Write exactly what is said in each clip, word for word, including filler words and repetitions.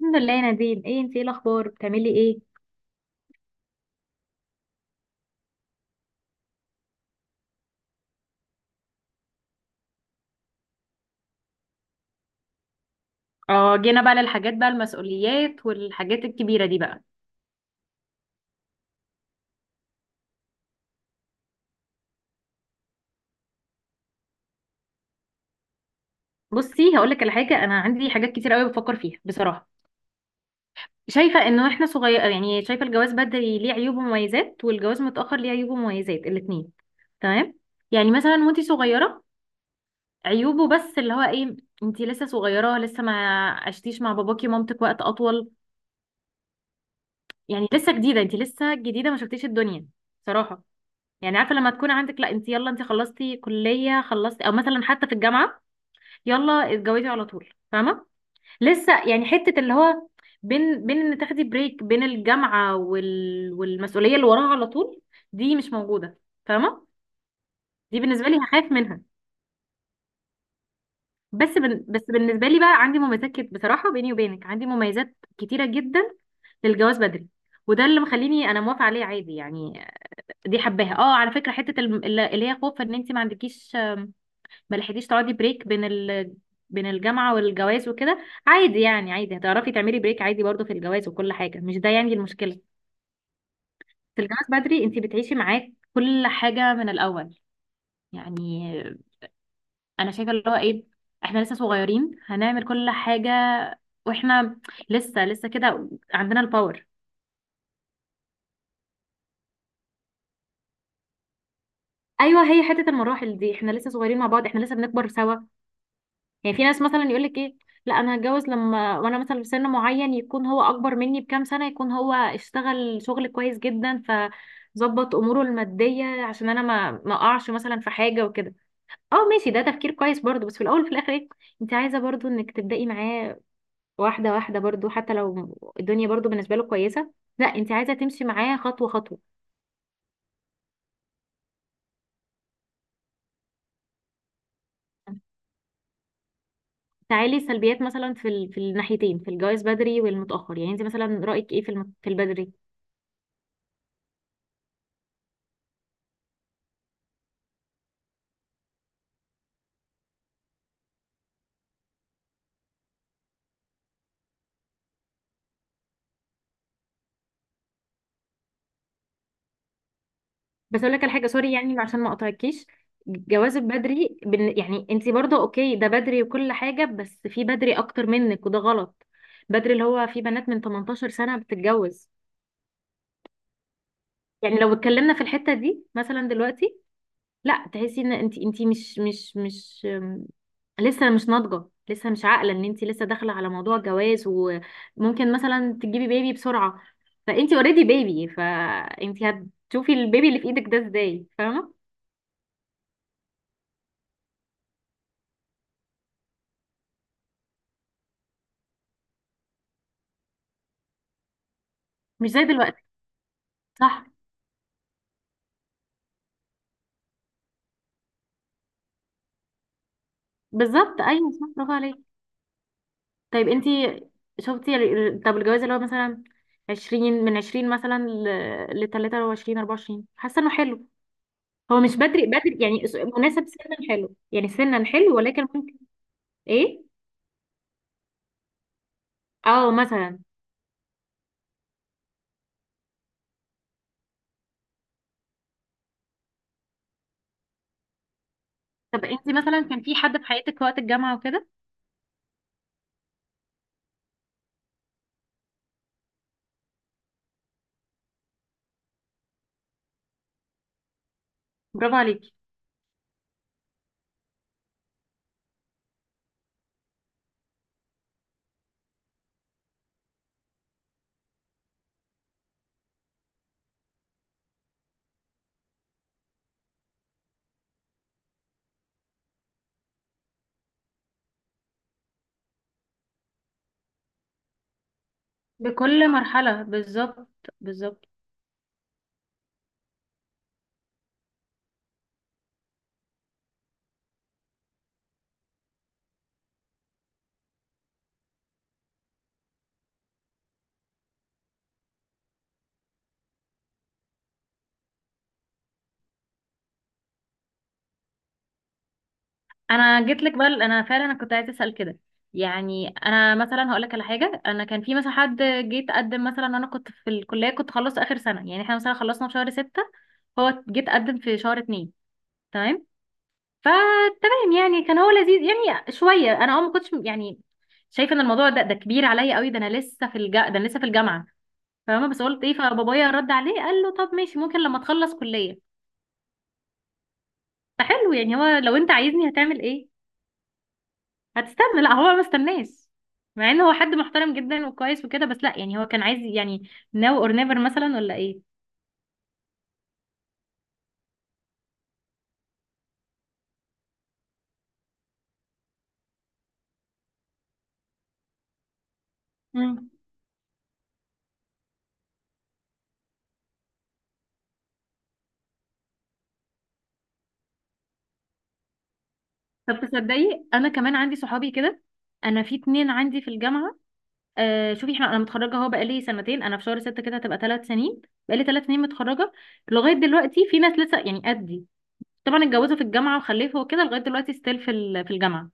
الحمد لله يا نادين. ايه انت، ايه الاخبار، بتعملي ايه؟ اه، جينا بقى للحاجات بقى، المسؤوليات والحاجات الكبيرة دي بقى. بصي، هقول لك على حاجه، انا عندي حاجات كتير قوي بفكر فيها بصراحه. شايفه انه احنا صغير، يعني شايفه الجواز بدري ليه عيوب ومميزات، والجواز متاخر ليه عيوب ومميزات، الاثنين. تمام. يعني مثلا وانت صغيره، عيوبه بس اللي هو ايه، انت لسه صغيره، لسه ما عشتيش مع باباكي ومامتك وقت اطول. يعني لسه جديده، انت لسه جديده، ما شفتيش الدنيا صراحه. يعني عارفه لما تكون عندك، لا انت يلا، انت خلصتي كليه، خلصتي او مثلا حتى في الجامعه، يلا اتجوزي على طول، فاهمه؟ لسه يعني حته اللي هو بين بين، ان تاخدي بريك بين الجامعه وال... والمسؤوليه اللي وراها على طول، دي مش موجوده، فاهمه؟ دي بالنسبه لي هخاف منها. بس بن... بس بالنسبه لي بقى عندي مميزات كت... بصراحه بيني وبينك عندي مميزات كتيره جدا للجواز بدري، وده اللي مخليني انا موافقه عليه عادي يعني. دي حباها، اه، على فكره حته الم- اللي اللي هي خوف ان انت ما عندكيش، ما لحقتيش تقعدي بريك بين ال... بين الجامعة والجواز وكده. عادي يعني، عادي هتعرفي تعملي بريك عادي برضه في الجواز وكل حاجة، مش ده يعني المشكلة. في الجواز بدري انت بتعيشي معاه كل حاجة من الأول، يعني أنا شايفة اللي هو إيه، احنا لسه صغيرين، هنعمل كل حاجة واحنا لسه لسه كده عندنا الباور. ايوه، هي حته المراحل دي احنا لسه صغيرين مع بعض، احنا لسه بنكبر سوا. يعني في ناس مثلا يقول لك ايه، لا انا هتجوز لما وانا مثلا في سن معين، يكون هو اكبر مني بكام سنه، يكون هو اشتغل شغل كويس جدا، فظبط اموره الماديه عشان انا ما ما اقعش مثلا في حاجه وكده. اه ماشي، ده تفكير كويس برضو، بس في الاول وفي الاخر ايه؟ انت عايزه برضو انك تبدأي معاه واحده واحده، برضو حتى لو الدنيا برضو بالنسبه له كويسه، لا انت عايزه تمشي معاه خطوه خطوه. تعالي سلبيات مثلا في ال... في الناحيتين، في الجواز بدري والمتأخر، يعني انت مثلا رأيك ايه في الم... في البدري؟ بس اقول لك على حاجه، سوري يعني عشان ما اقطعكيش، جوازك بدري، بن... يعني انت برضه اوكي ده بدري وكل حاجه، بس في بدري اكتر منك وده غلط. بدري اللي هو في بنات من تمنتاشر سنة سنه بتتجوز، يعني لو اتكلمنا في الحته دي مثلا دلوقتي، لا تحسي ان انت انت مش مش مش أم، لسه مش ناضجه، لسه مش عاقله، ان انت لسه داخله على موضوع جواز، وممكن مثلا تجيبي بيبي بسرعه، فانت اوريدي بيبي، فانت هتشوفي البيبي اللي في ايدك ده ازاي، فاهمه؟ مش زي دلوقتي، صح، بالظبط، ايوه صح برافو عليك. طيب انت شفتي ال- ال- طب الجواز اللي هو مثلا عشرين من عشرين مثلا، لتلاتة وعشرين أربعة وعشرين، حاسة انه حلو، هو مش بدري بدري، يعني س- مناسب، سنا حلو، يعني سنا حلو، ولكن ممكن ايه، اه مثلا، طب انت مثلا كان في حد في حياتك وقت الجامعة وكده، برافو عليكي، بكل مرحلة بالظبط، بالظبط. انا جيت لك بقى، انا فعلا انا كنت عايزه اسال كده، يعني انا مثلا هقول لك على حاجه، انا كان في مثلا حد جه تقدم، مثلا انا كنت في الكليه، كنت خلصت اخر سنه، يعني احنا مثلا خلصنا في شهر ستة، هو جه تقدم في شهر اتنين، تمام، فتمام. يعني كان هو لذيذ يعني شويه، انا اه ما كنتش يعني شايفه ان الموضوع ده ده كبير عليا قوي، ده انا لسه في الج... ده انا لسه في الجامعه، فاهمه؟ بس قلت ايه، فبابايا رد عليه قال له طب ماشي ممكن لما تخلص كليه، فحلو يعني، هو لو انت عايزني هتعمل ايه، هتستنى؟ لا، هو ما استناش، مع ان هو حد محترم جدا وكويس وكده، بس لا، يعني هو كان عايز يعني now or never مثلا ولا ايه. مم. طب تصدقي، انا كمان عندي صحابي كده، انا في اتنين عندي في الجامعه. آه، شوفي، احنا انا متخرجه اهو بقالي سنتين، انا في شهر ستة كده هتبقى ثلاث سنين، بقالي ثلاث سنين متخرجه، لغايه دلوقتي في ناس لسه يعني قدي، طبعا اتجوزوا في الجامعه وخلفوا وكده، لغايه دلوقتي ستيل في ال- في الجامعه.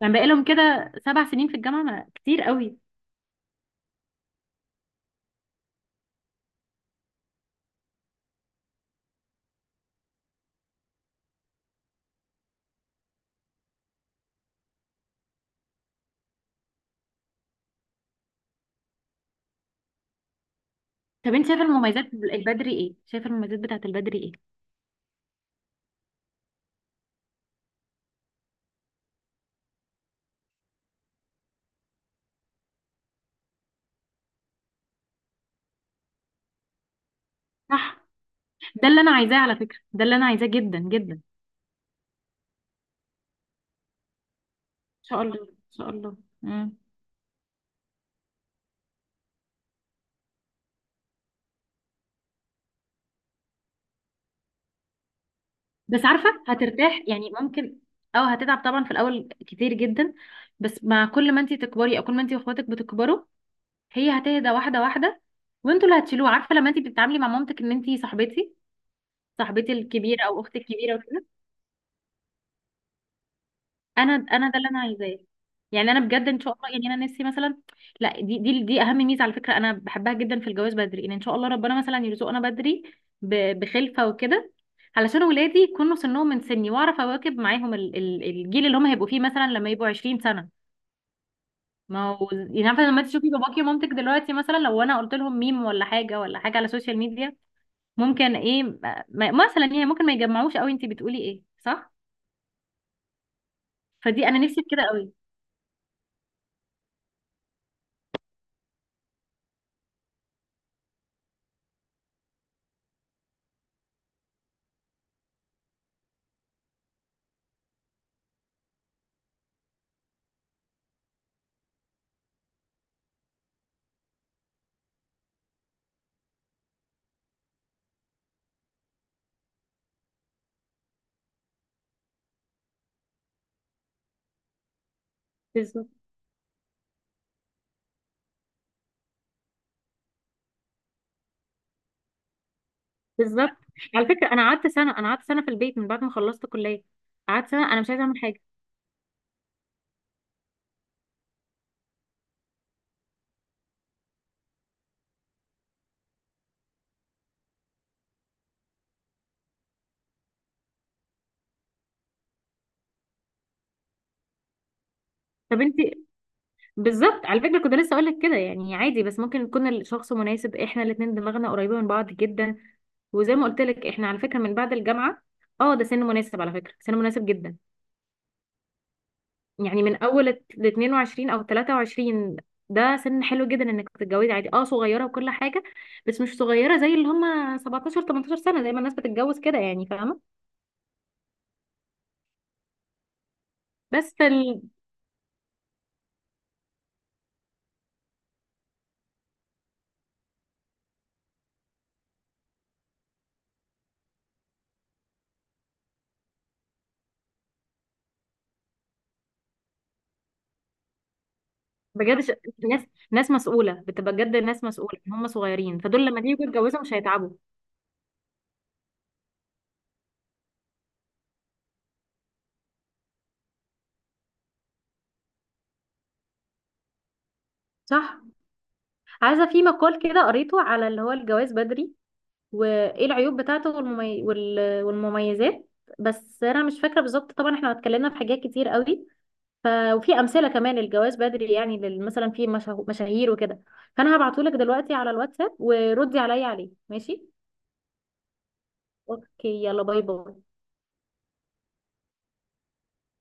يعني بقالهم كده سبع سنين في الجامعه، ما كتير قوي. طب انت شايفه المميزات البدري ايه، شايفه المميزات بتاعت البدري ايه؟ صح، ده اللي انا عايزاه على فكره، ده اللي انا عايزاه جدا جدا، ان شاء الله ان شاء الله. مم. بس عارفه هترتاح يعني ممكن، او هتتعب طبعا في الاول كتير جدا، بس مع كل ما انت تكبري، او كل ما انت واخواتك بتكبروا، هي هتهدى واحده واحده، وانتوا اللي هتشيلوه، عارفه لما انت بتتعاملي مع مامتك ان انت صاحبتي، صاحبتي الكبيره او اختي الكبيره. انا انا ده اللي انا عايزاه، يعني انا بجد ان شاء الله، يعني انا نفسي مثلا، لا دي دي دي اهم ميزه على فكره، انا بحبها جدا في الجواز بدري، ان ان شاء الله ربنا مثلا يرزقنا بدري ب- بخلفه وكده، علشان ولادي يكونوا سنهم من سني، واعرف اواكب معاهم ال- ال- الجيل اللي هم هيبقوا فيه مثلا لما يبقوا عشرين سنة سنه. ما هو يعني عارفه لما تشوفي باباكي ومامتك دلوقتي مثلا، لو انا قلت لهم ميم ولا حاجه ولا حاجه على السوشيال ميديا، ممكن ايه ما- مثلا يعني ممكن ما يجمعوش قوي، انت بتقولي ايه، صح، فدي انا نفسي في كده قوي. بالظبط، بالظبط، على فكره انا قعدت سنه، انا قعدت سنه في البيت من بعد ما خلصت كليه، قعدت سنه انا مش عايزه اعمل حاجه. طب انت بالظبط، على فكره كنت لسه اقول لك كده، يعني عادي، بس ممكن يكون الشخص مناسب، احنا الاثنين دماغنا قريبه من بعض جدا، وزي ما قلت لك احنا على فكره من بعد الجامعه، اه ده سن مناسب، على فكره سن مناسب جدا، يعني من اول ال اتنين وعشرين او تلاته وعشرين، ده سن حلو جدا انك تتجوزي عادي، اه صغيره وكل حاجه، بس مش صغيره زي اللي هم سبعتاشر تمنتاشر سنه زي ما الناس بتتجوز كده، يعني فاهمه. بس بجد ش... ناس، ناس مسؤولة بتبقى بجد، ناس مسؤولة إن هم صغيرين، فدول لما يجوا يتجوزوا مش هيتعبوا، صح. عايزة في مقال كده قريته على اللي هو الجواز بدري، وايه العيوب بتاعته والممي... وال... والمميزات، بس انا مش فاكرة بالظبط، طبعا احنا اتكلمنا في حاجات كتير قوي، ف... وفي امثلة كمان للجواز بدري، يعني لل... مثلا في مشه... مشاهير وكده، فانا هبعتهولك دلوقتي على الواتساب وردي عليا عليه، ماشي اوكي، يلا باي باي.